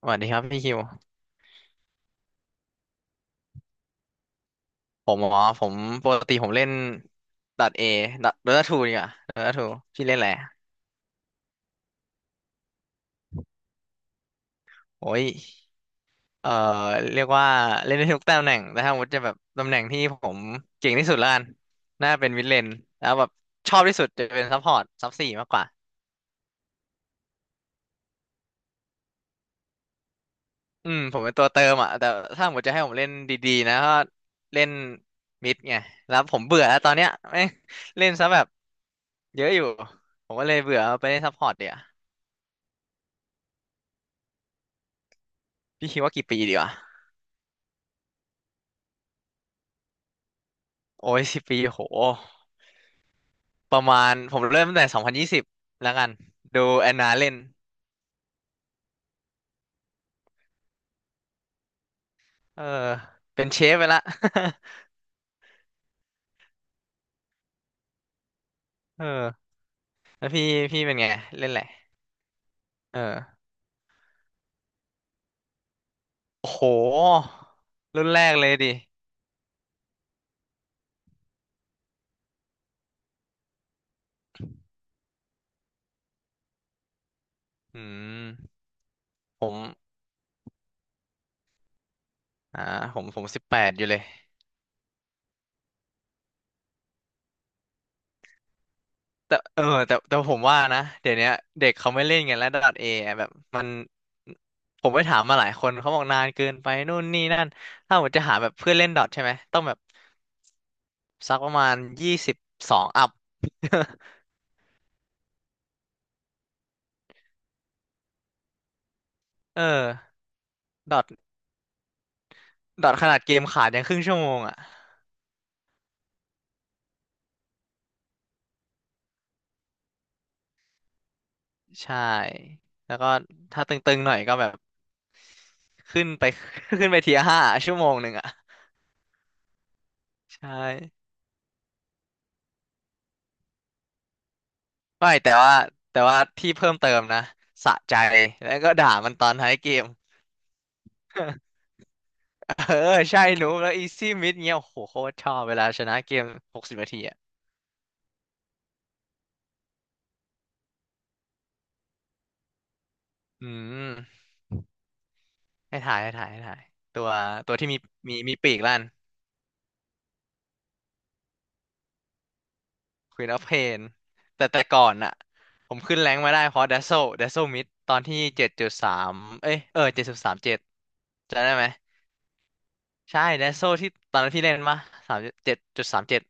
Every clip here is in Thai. สวัสดีครับพี่คิวผมปกติผมเล่นดัดเอดัดโดต้าทูดีกว่าโดต้าทูพี่เล่นอะไรอะโอ้ยเอ่อเรียกว่าเล่นได้ทุกตำแหน่งแต่ถ้าสมมติจะแบบตำแหน่งที่ผมเก่งที่สุดละกันน่าเป็นมิดเลนแล้วแบบชอบที่สุดจะเป็นซัพพอร์ตซับสี่มากกว่าผมเป็นตัวเติมอ่ะแต่ถ้าสมมติจะให้ผมเล่นดีๆนะก็เล่นมิดไงแล้วผมเบื่อแล้วตอนเนี้ยแม่งเล่นซะแบบเยอะอยู่ผมก็เลยเบื่อไปเล่นซัพพอร์ตเดี๋ยวาพี่คิดว่ากี่ปีดีวะ โอ้ย10 ปีโหประมาณผมเริ่มตั้งแต่2020แล้วกันดูแอนนาเล่นเออเป็นเชฟไปละ เออแล้วพี่เป็นไงเล่นแหละไรเออโอ้โหรุ่นแรกเลยดิอืมผมอ่าผมผม18อยู่เลย แต่เออแต่แต่ผมว่านะเดี๋ยวเนี้ยเด็กเขาไม่เล่นกันแล้วดอทเอแบบมันผมไปถามมาหลายคนเขาบอกนานเกินไปนู่นนี่นั่นถ้าผมจะหาแบบเพื่อนเล่นดอทใช่ไหมต้องแบบสักประมาณ22อัพ เออดอทดอทขนาดเกมขาดยังครึ่งชั่วโมงอ่ะใช่แล้วก็ถ้าตึงๆหน่อยก็แบบขึ้นไป ขึ้นไปเทียห้าชั่วโมงหนึ่งอ่ะใช่ ไม่แต่ว่าที่เพิ่มเติมนะสะใจแล้วก็ด่ามันตอนท้ายเกม เออใช่หนูแล้วอีซี่มิดเงี้ยโอ้โหโคตรชอบเวลาชนะเกม60 นาทีอ่ะอืมให้ถ่ายให้ถ่ายให้ถ่ายตัวตัวที่มีปีกลั่น Queen of Pain แต่ก่อนอะผมขึ้นแรงค์มาได้เพราะ Dazzle Dazzle Mid ตอนที่7.3เอ้ยเออเจ็ดจุดสามเจ็ดจำได้ไหมใช่ Dazzle ที่ตอนนั้นพี่เล่นมาสามเจ็ดจุดสามเจ็ด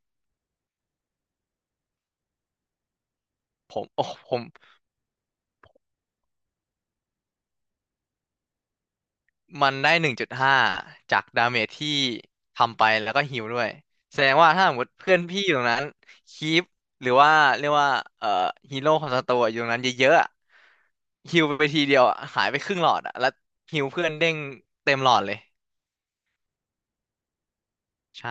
ผมโอ้ผม มันได้1.5จากดาเมจที่ทำไปแล้วก็ฮีลด้วยแสดงว่าถ้าสมมติเพื่อนพี่อยู่ตรงนั้นคีปหรือว่าเรียกว่าเอ่อฮีโร่ของสตัวอะอยู่ตรงนั้นเยอะๆอะฮีลไปทีเดียวอะหายไปครึ่งหลอดอะแล้วฮีลเพื่อนเด้งเต็มหลอดเลยใช่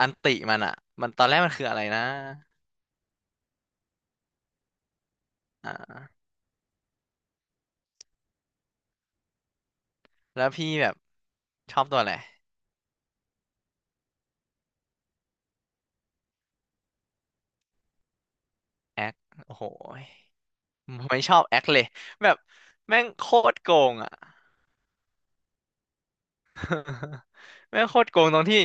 อันติมันอะมันตอนแรกมันคืออะไรนะอ่าแล้วพี่แบบชอบตัวอะไรแอคโอ้โหยไม่ชอบแอคเลยแบบแม่งโคตรโกงอะ แม่งโคตรโกงตรงที่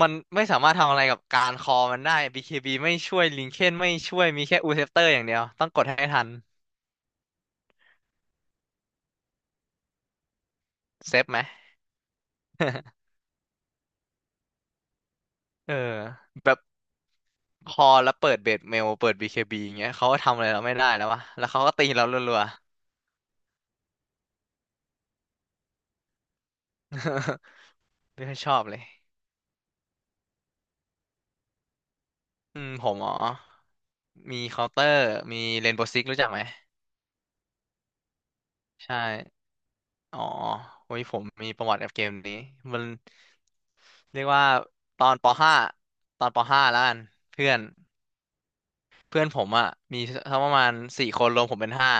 มันไม่สามารถทำอะไรกับการคอมันได้ BKB ไม่ช่วยลิงเคนไม่ช่วยมีแค่อูเซปเตอร์อย่างเดียวต้องกดให้ทันเซฟไหมเออแบบคอแล้วเปิดเบสเมลเปิด BKB อย่างเงี้ยเขาก็ทำอะไรเราไม่ได้แล้ววะแล้วเขาก็ตีเรารัวๆ ไม่ค่อยชอบเลยอืมผมอ๋อมีเคาน์เตอร์มีเรนโบว์ซิกรู้จักไหมใช่ อ๋อโอ้ยผมมีประวัติกับเกมนี้มันเรียกว่าตอนป .5 ตอนป .5 แล้วกันเพื่อนเพื่อนผมอ่ะมีทั้งประมาณ4 คนรวมผมเป็นห้า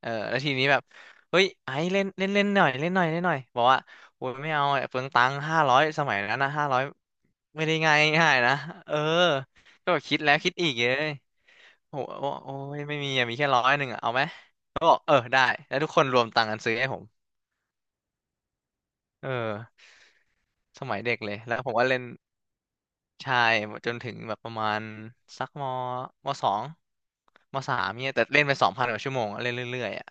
เออแล้วทีนี้แบบเฮ้ยไอ้เล่นเล่นเล่นหน่อยเล่นหน่อยเล่นหน่อยบอกว่าโอ้ยไม่เอาอะเปลืองตังค์ห้าร้อยสมัยนั้นนะห้าร้อยไม่ได้ง่ายง่ายนะเออก็แบบคิดแล้วคิดอีกเลยโอ้โหโอ้ยไม่มีอะมีแค่100อ่ะเอาไหมก็บอกเออได้แล้วทุกคนรวมตังค์กันซื้อให้ผมเออ สมัยเด็กเลยแล้วผมก็เล่นใช่จนถึงแบบประมาณสักมสองมสามเนี่ยแต่เล่นไป2,000 กว่าชั่วโมงอะเล่นเรื่อยๆอ่ะ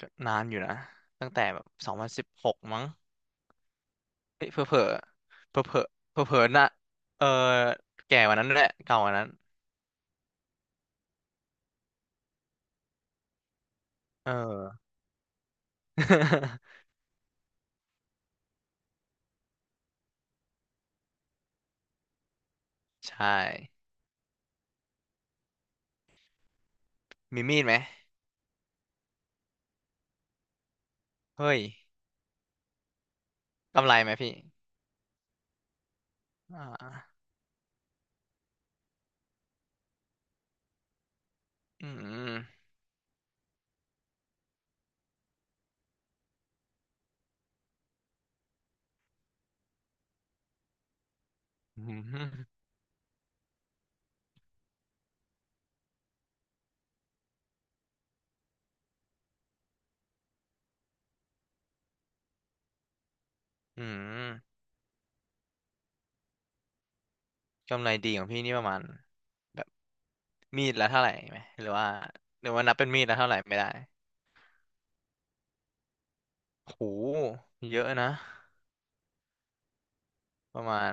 ก็นานอยู่นะตั้งแต่แบบ2016มั้งเฮ้ยเผลอเผลอเผลอเผลอๆเผลอๆน่ะเออแก่กว่านั้นแหละเก่ากว่านั้นเออ ใช่มีมีดไหมเฮ้ยกำไรไหมพี่อ่าอืมอืมอืมกำไรดีของพี่นี่ประมาณแบบ มีดละเท่าไหร่ไหมหรือว่าหรือว่านับเป็นมีดละเท่าไหร่ไม่ได้โหเยอะนะประมาณ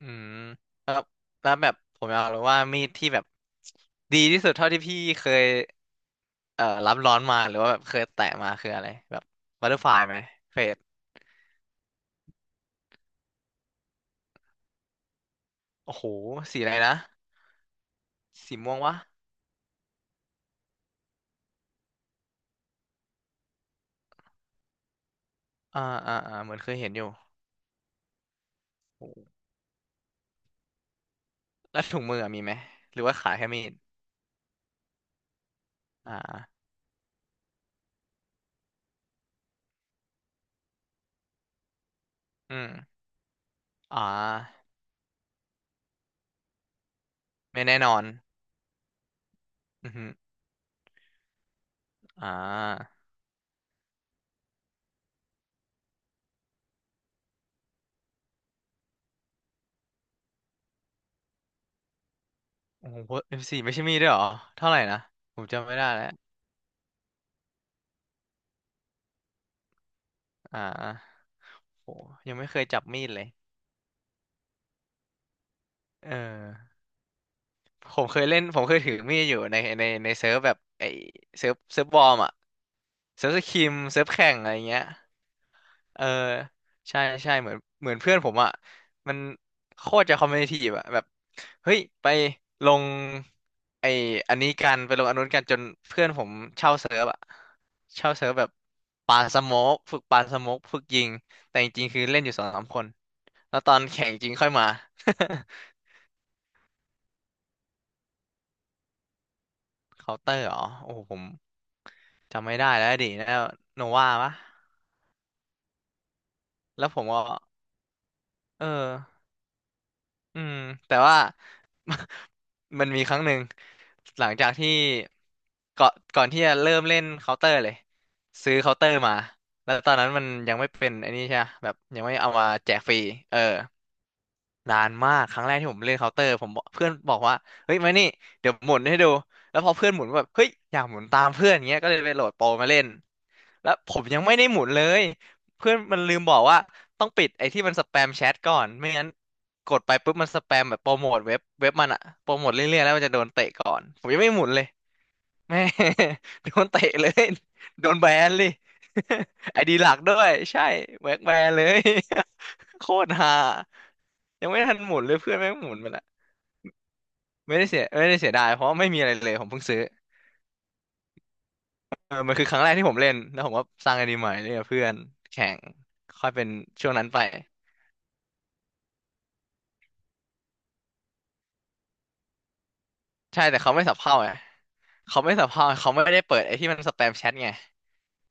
อืมแล้วแล้วแบบผมอยากรู้ว่ามีดที่แบบดีที่สุดเท่าที่พี่เคยรับร้อนมาหรือว่าแบบเคยแตะมาคืออะไรแบบบัตเตอร์ฟลายไหมเฟดโอ้โหสีอะไรนะสีม่วงวะอ่าอ่าอ่าเหมือนเคยเห็นอยู่โหแล้วถุงมืออะมีไหมหรือว่าขายแค่มีดอ่าอืมอ่าไม่แน่นอนอือฮึอ่า โอ้โหเอฟซีไม่ใช่มีดด้วยเหรอ เท่าไหร่นะผมจำไม่ได้แล้ว อ่าโหยังไม่เคยจับมีดเลย เออผมเคยถือมีดอยู่ในเซิร์ฟแบบไอเซิร์ฟเซิร์ฟบอ์มอะเซิร์ฟสคิม เซิร์ฟแข่งอะไรเงี้ย เออใช่ใช่เหมือนเพื่อนผมอ่ะมันโคตรจะคอมเมดี้อ่ะแบบเฮ้ยไปลงไออันนี้กันไปลงอันนู้นกันจนเพื่อนผมเช่าเซิร์ฟอ่ะเช่าเซิร์ฟแบบปาสโมกฝึกปาสโมกฝึกยิงแต่จริงๆคือเล่นอยู่สองสามคนแล้วตอนแข่งจริงค่อยมา เคาน์เตอร์เหรอโอ้โหผมจำไม่ได้แล้วดิแล้วโนวาปะแล้วผมก็เออ อืมแต่ว่า มันมีครั้งหนึ่งหลังจากที่ก่อนที่จะเริ่มเล่นเคาน์เตอร์เลยซื้อเคาน์เตอร์มาแล้วตอนนั้นมันยังไม่เป็นไอ้นี่ใช่ปะแบบยังไม่เอามาแจกฟรีเออ นานมากครั้งแรกที่ผมเล่นเคาน์เตอร์ผมบอกเพื่อนบอกว่าเฮ้ยมานี่เดี๋ยวหมุนให้ดูแล้วพอเพื่อนหมุนก็แบบเฮ้ยอยากหมุนตามเพื่อนอย่างเงี้ยก็เลยไปโหลดโปรมาเล่นแล้วผมยังไม่ได้หมุนเลยเพื่อนมันลืมบอกว่าต้องปิดไอ้ที่มันสแปมแชทก่อนไม่งั้นกดไปปุ๊บมันสแปมแบบโปรโมทเว็บเว็บมันอะโปรโมทเรื่อยๆแล้วมันจะโดนเตะก่อนผมยังไม่หมุนเลยแม่ โดนเตะเลยโดนแบนเลย ไอดีหลักด้วยใช่แบล็คแบนเลย โคตรฮายังไม่ทันหมุนเลยเพื่อนแม่งหมุนไปละไม่ได้เสียไม่ได้เสียดายเพราะว่าไม่มีอะไรเลยผมเพิ่งซื้อเออมันคือครั้งแรกที่ผมเล่นแล้วผมก็สร้างไอดีใหม่เล่นกับเพื่อนแข่งค่อยเป็นช่วงนั้นไปใช่แต่เขาไม่สับเพ่าไงเขาไม่สับเพ่าเขาไม่ได้เปิดไอ้ที่มันสแปมแชทไง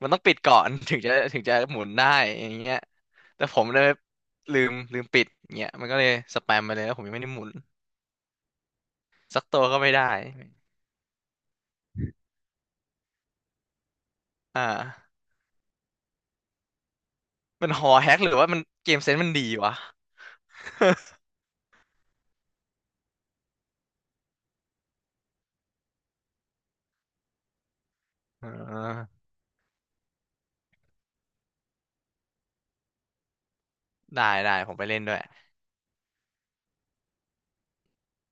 มันต้องปิดก่อน ถึงจะหมุนได้อย่างเงี้ยแต่ผมเลยลืมปิดเงี้ยมันก็เลยสแปมไปเลยแล้วผมยังไม่ได้หมุนสักตัวก็ไม่ได้อ่ามันหอแฮกหรือว่ามันเกมเซนส์มันดีวะ อ่า ได้ได้ผมไปเล่นด้วย